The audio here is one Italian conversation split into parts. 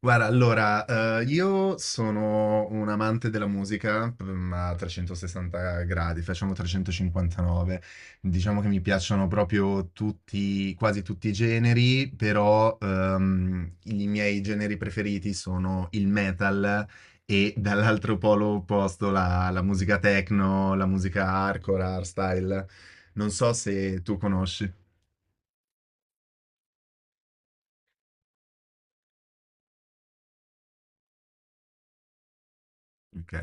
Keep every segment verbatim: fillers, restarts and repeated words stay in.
Guarda, allora, eh, io sono un amante della musica, mm, a trecentosessanta gradi, facciamo trecentocinquantanove. Diciamo che mi piacciono proprio tutti, quasi tutti i generi, però ehm, i miei generi preferiti sono il metal e dall'altro polo opposto la, la musica techno, la musica hardcore, hardstyle. Non so se tu conosci. Ok.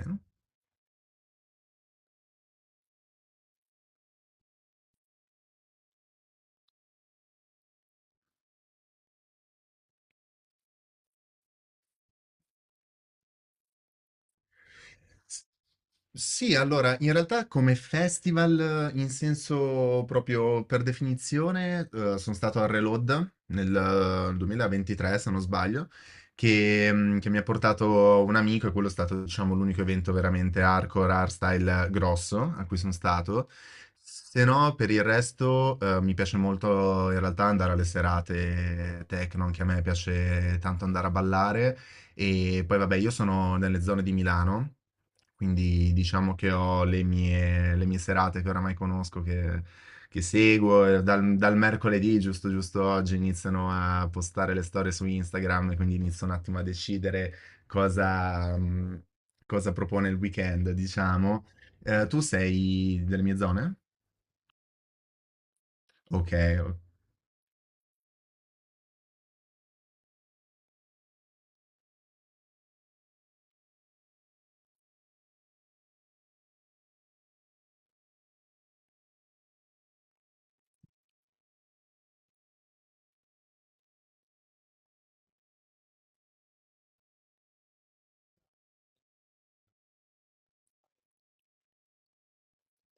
Sì, allora, in realtà come festival, eh, in senso proprio per definizione, eh, sono stato al Reload nel eh, duemilaventitré, se non sbaglio, che, mm, che mi ha portato un amico e quello è stato, diciamo, l'unico evento veramente hardcore, hardstyle grosso a cui sono stato. Se no, per il resto, eh, mi piace molto in realtà andare alle serate techno, anche a me piace tanto andare a ballare. E poi vabbè, io sono nelle zone di Milano, quindi diciamo che ho le mie, le mie serate che oramai conosco, che, che seguo. e Dal, dal mercoledì, giusto, giusto oggi, iniziano a postare le storie su Instagram, e quindi inizio un attimo a decidere cosa, mh, cosa propone il weekend, diciamo. Eh, tu sei delle mie zone? Ok, ok.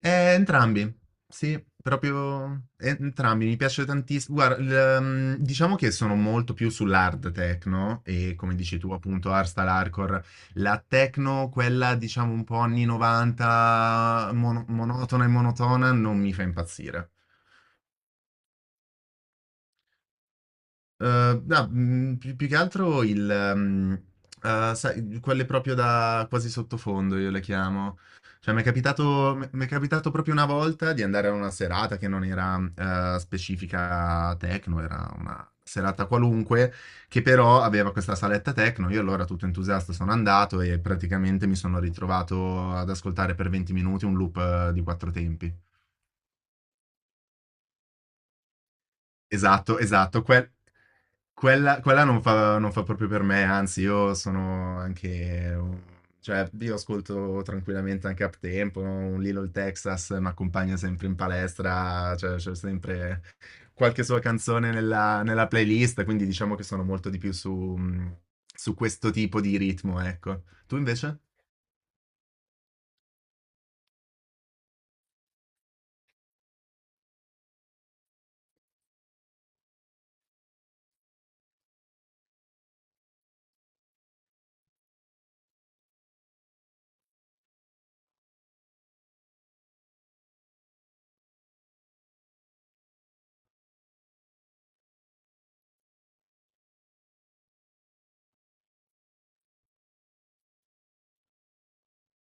Eh, entrambi, sì, proprio eh, entrambi, mi piace tantissimo. Guarda, il, ehm, diciamo che sono molto più sull'hard techno e, come dici tu, appunto hardstyle, hardcore. La techno, quella diciamo un po' anni novanta, mono- monotona e monotona, non mi fa impazzire. Eh, no, mm, più, più che altro il, ehm, eh, sai, quelle proprio da quasi sottofondo, io le chiamo. Cioè, mi è capitato, mi è capitato proprio una volta di andare a una serata che non era eh, specifica techno, era una serata qualunque, che però aveva questa saletta techno. Io, allora, tutto entusiasta, sono andato e praticamente mi sono ritrovato ad ascoltare per venti minuti un loop eh, di quattro tempi. Esatto, esatto, quel- Quella, quella non fa, non fa proprio per me, anzi, io sono anche. un- Cioè, io ascolto tranquillamente anche up tempo, un Lilo il Texas mi accompagna sempre in palestra, cioè c'è sempre qualche sua canzone nella, nella playlist, quindi diciamo che sono molto di più su, su questo tipo di ritmo, ecco. Tu invece?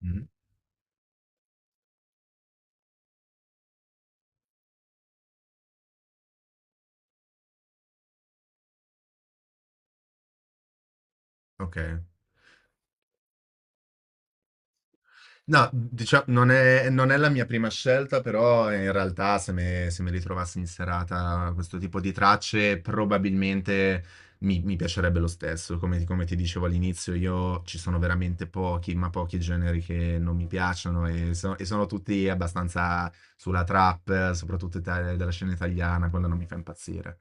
Mm. Ok. No, diciamo, non è, non è la mia prima scelta, però in realtà se me- se mi ritrovassi in serata questo tipo di tracce, probabilmente mi, mi piacerebbe lo stesso. Come, come ti dicevo all'inizio, io ci sono veramente pochi, ma pochi generi che non mi piacciono e, so- e sono tutti abbastanza sulla trap, soprattutto ita- della scena italiana, quella non mi fa impazzire.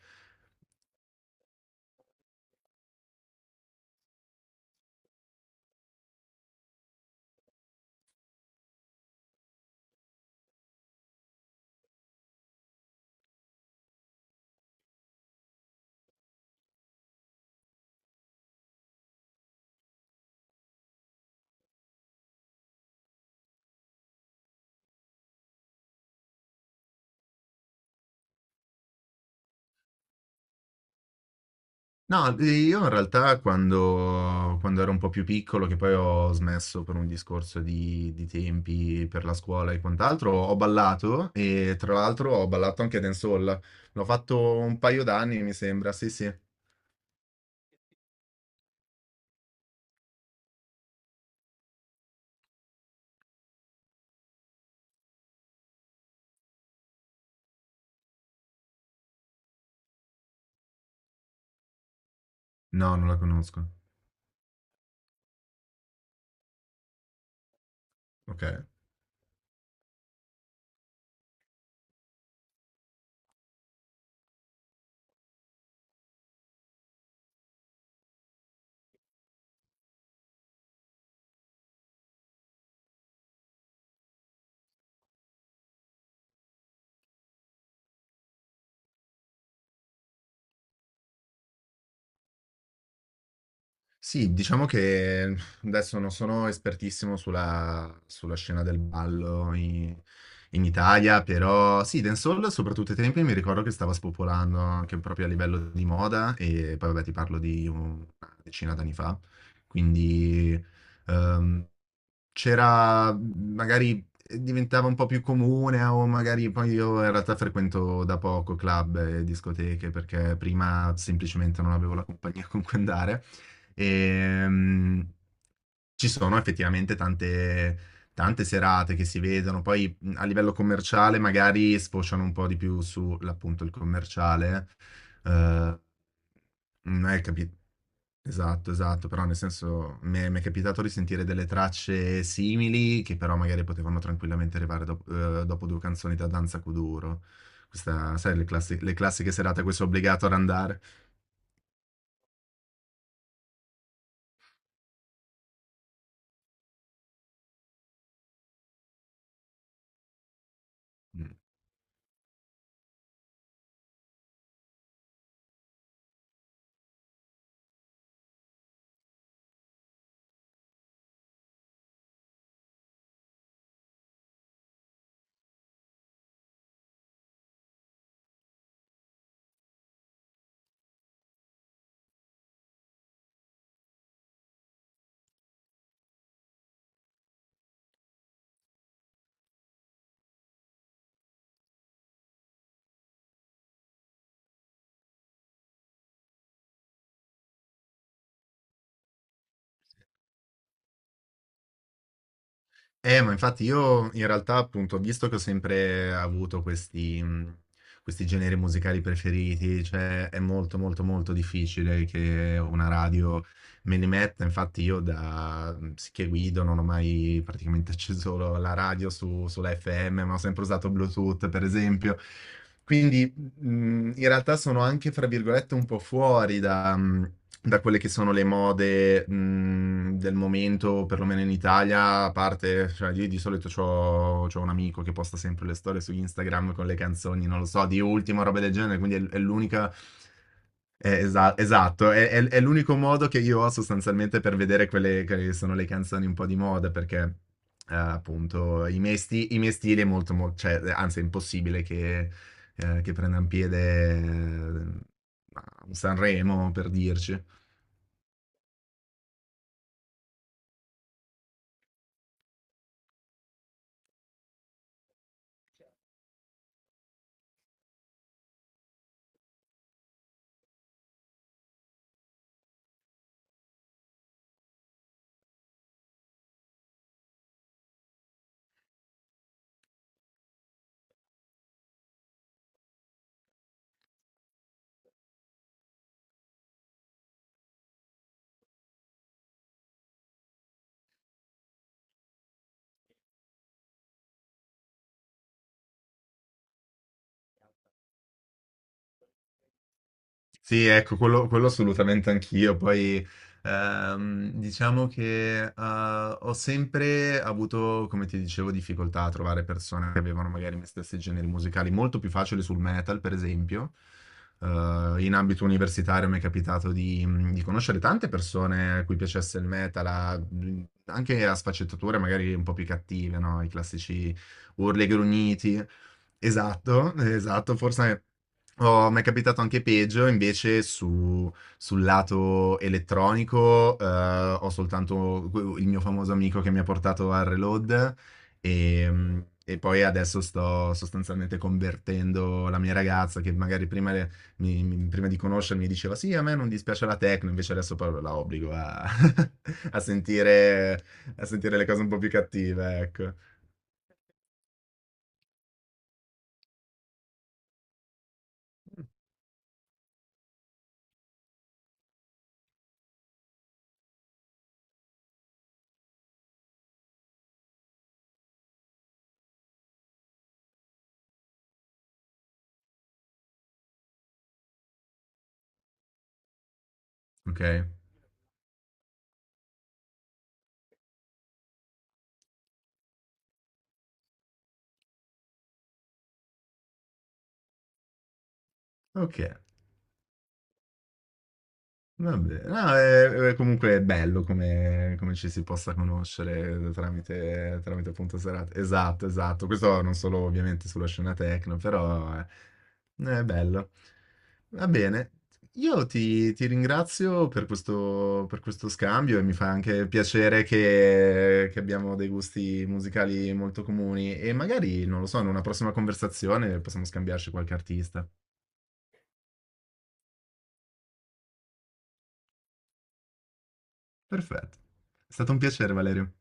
No, io in realtà quando, quando ero un po' più piccolo, che poi ho smesso per un discorso di, di tempi per la scuola e quant'altro, ho ballato e tra l'altro ho ballato anche dancehall. L'ho fatto un paio d'anni, mi sembra. Sì, sì. No, non la conosco. Ok. Sì, diciamo che adesso non sono espertissimo sulla, sulla scena del ballo in, in Italia, però sì, dancehall soprattutto ai tempi mi ricordo che stava spopolando anche proprio a livello di moda, e poi vabbè, ti parlo di una decina d'anni fa, quindi ehm, c'era magari, eh, diventava un po' più comune. O magari poi, io in realtà frequento da poco club e discoteche, perché prima semplicemente non avevo la compagnia con cui andare, e mm, ci sono effettivamente tante tante serate che si vedono poi, mm, a livello commerciale, magari sfociano un po' di più sull'appunto il commerciale, eh, non è capito. Esatto, esatto, però nel senso mi è mi è capitato di sentire delle tracce simili che però magari potevano tranquillamente arrivare dop uhm, dopo due canzoni da Danza Kuduro. Questa, sai, le classi le classiche serate a cui sei obbligato ad andare. Mh. Eh, ma infatti io, in realtà, appunto, visto che ho sempre avuto questi, mhmm, questi generi musicali preferiti, cioè è molto, molto, molto difficile che una radio me li metta. Infatti, io da mm, che guido non ho mai praticamente acceso la radio, su- sulla F M, ma ho sempre usato Bluetooth, per esempio. Quindi mh, in realtà sono anche, fra virgolette, un po' fuori da, mh, da quelle che sono le mode mh, del momento, perlomeno in Italia. A parte, cioè, io di solito c'ho, c'ho un amico che posta sempre le storie su Instagram con le canzoni, non lo so, di Ultimo, roba del genere, quindi è, è l'unica, eh, esa- esatto, è, è- è l'unico modo che io ho sostanzialmente per vedere quelle che sono le canzoni un po' di moda, perché eh, appunto i miei, sti- i miei stili è molto, mo- cioè, eh, anzi è impossibile che, eh, che prendano piede eh, a un Sanremo, per dirci. Sì, ecco, quello, quello assolutamente anch'io. Poi, ehm, diciamo che, eh, ho sempre avuto, come ti dicevo, difficoltà a trovare persone che avevano magari i miei stessi generi musicali, molto più facile sul metal, per esempio. Eh, In ambito universitario mi è capitato di, mhmm, di conoscere tante persone a cui piacesse il metal, a- mhmm, anche a sfaccettature magari un po' più cattive, no? I classici urli e grugniti. Esatto, esatto, forse. Oh, mi è capitato anche peggio, invece su- sul lato elettronico, eh, ho soltanto que- il mio famoso amico che mi ha portato al Reload, e, e poi adesso sto sostanzialmente convertendo la mia ragazza che magari prima, le- mi- mi- prima di conoscermi, diceva sì, a me non dispiace la techno, invece adesso però la obbligo a, a sentire, a sentire le cose un po' più cattive, ecco. Ok? Ok. Vabbè, no, è, è comunque è bello come, come ci si possa conoscere, tramite, tramite appunto serate. Esatto, esatto. Questo non solo ovviamente sulla scena techno, però è, è bello. Va bene. Io ti, ti ringrazio per questo, per questo scambio, e mi fa anche piacere che, che abbiamo dei gusti musicali molto comuni, e magari, non lo so, in una prossima conversazione possiamo scambiarci qualche artista. Perfetto. È stato un piacere, Valerio.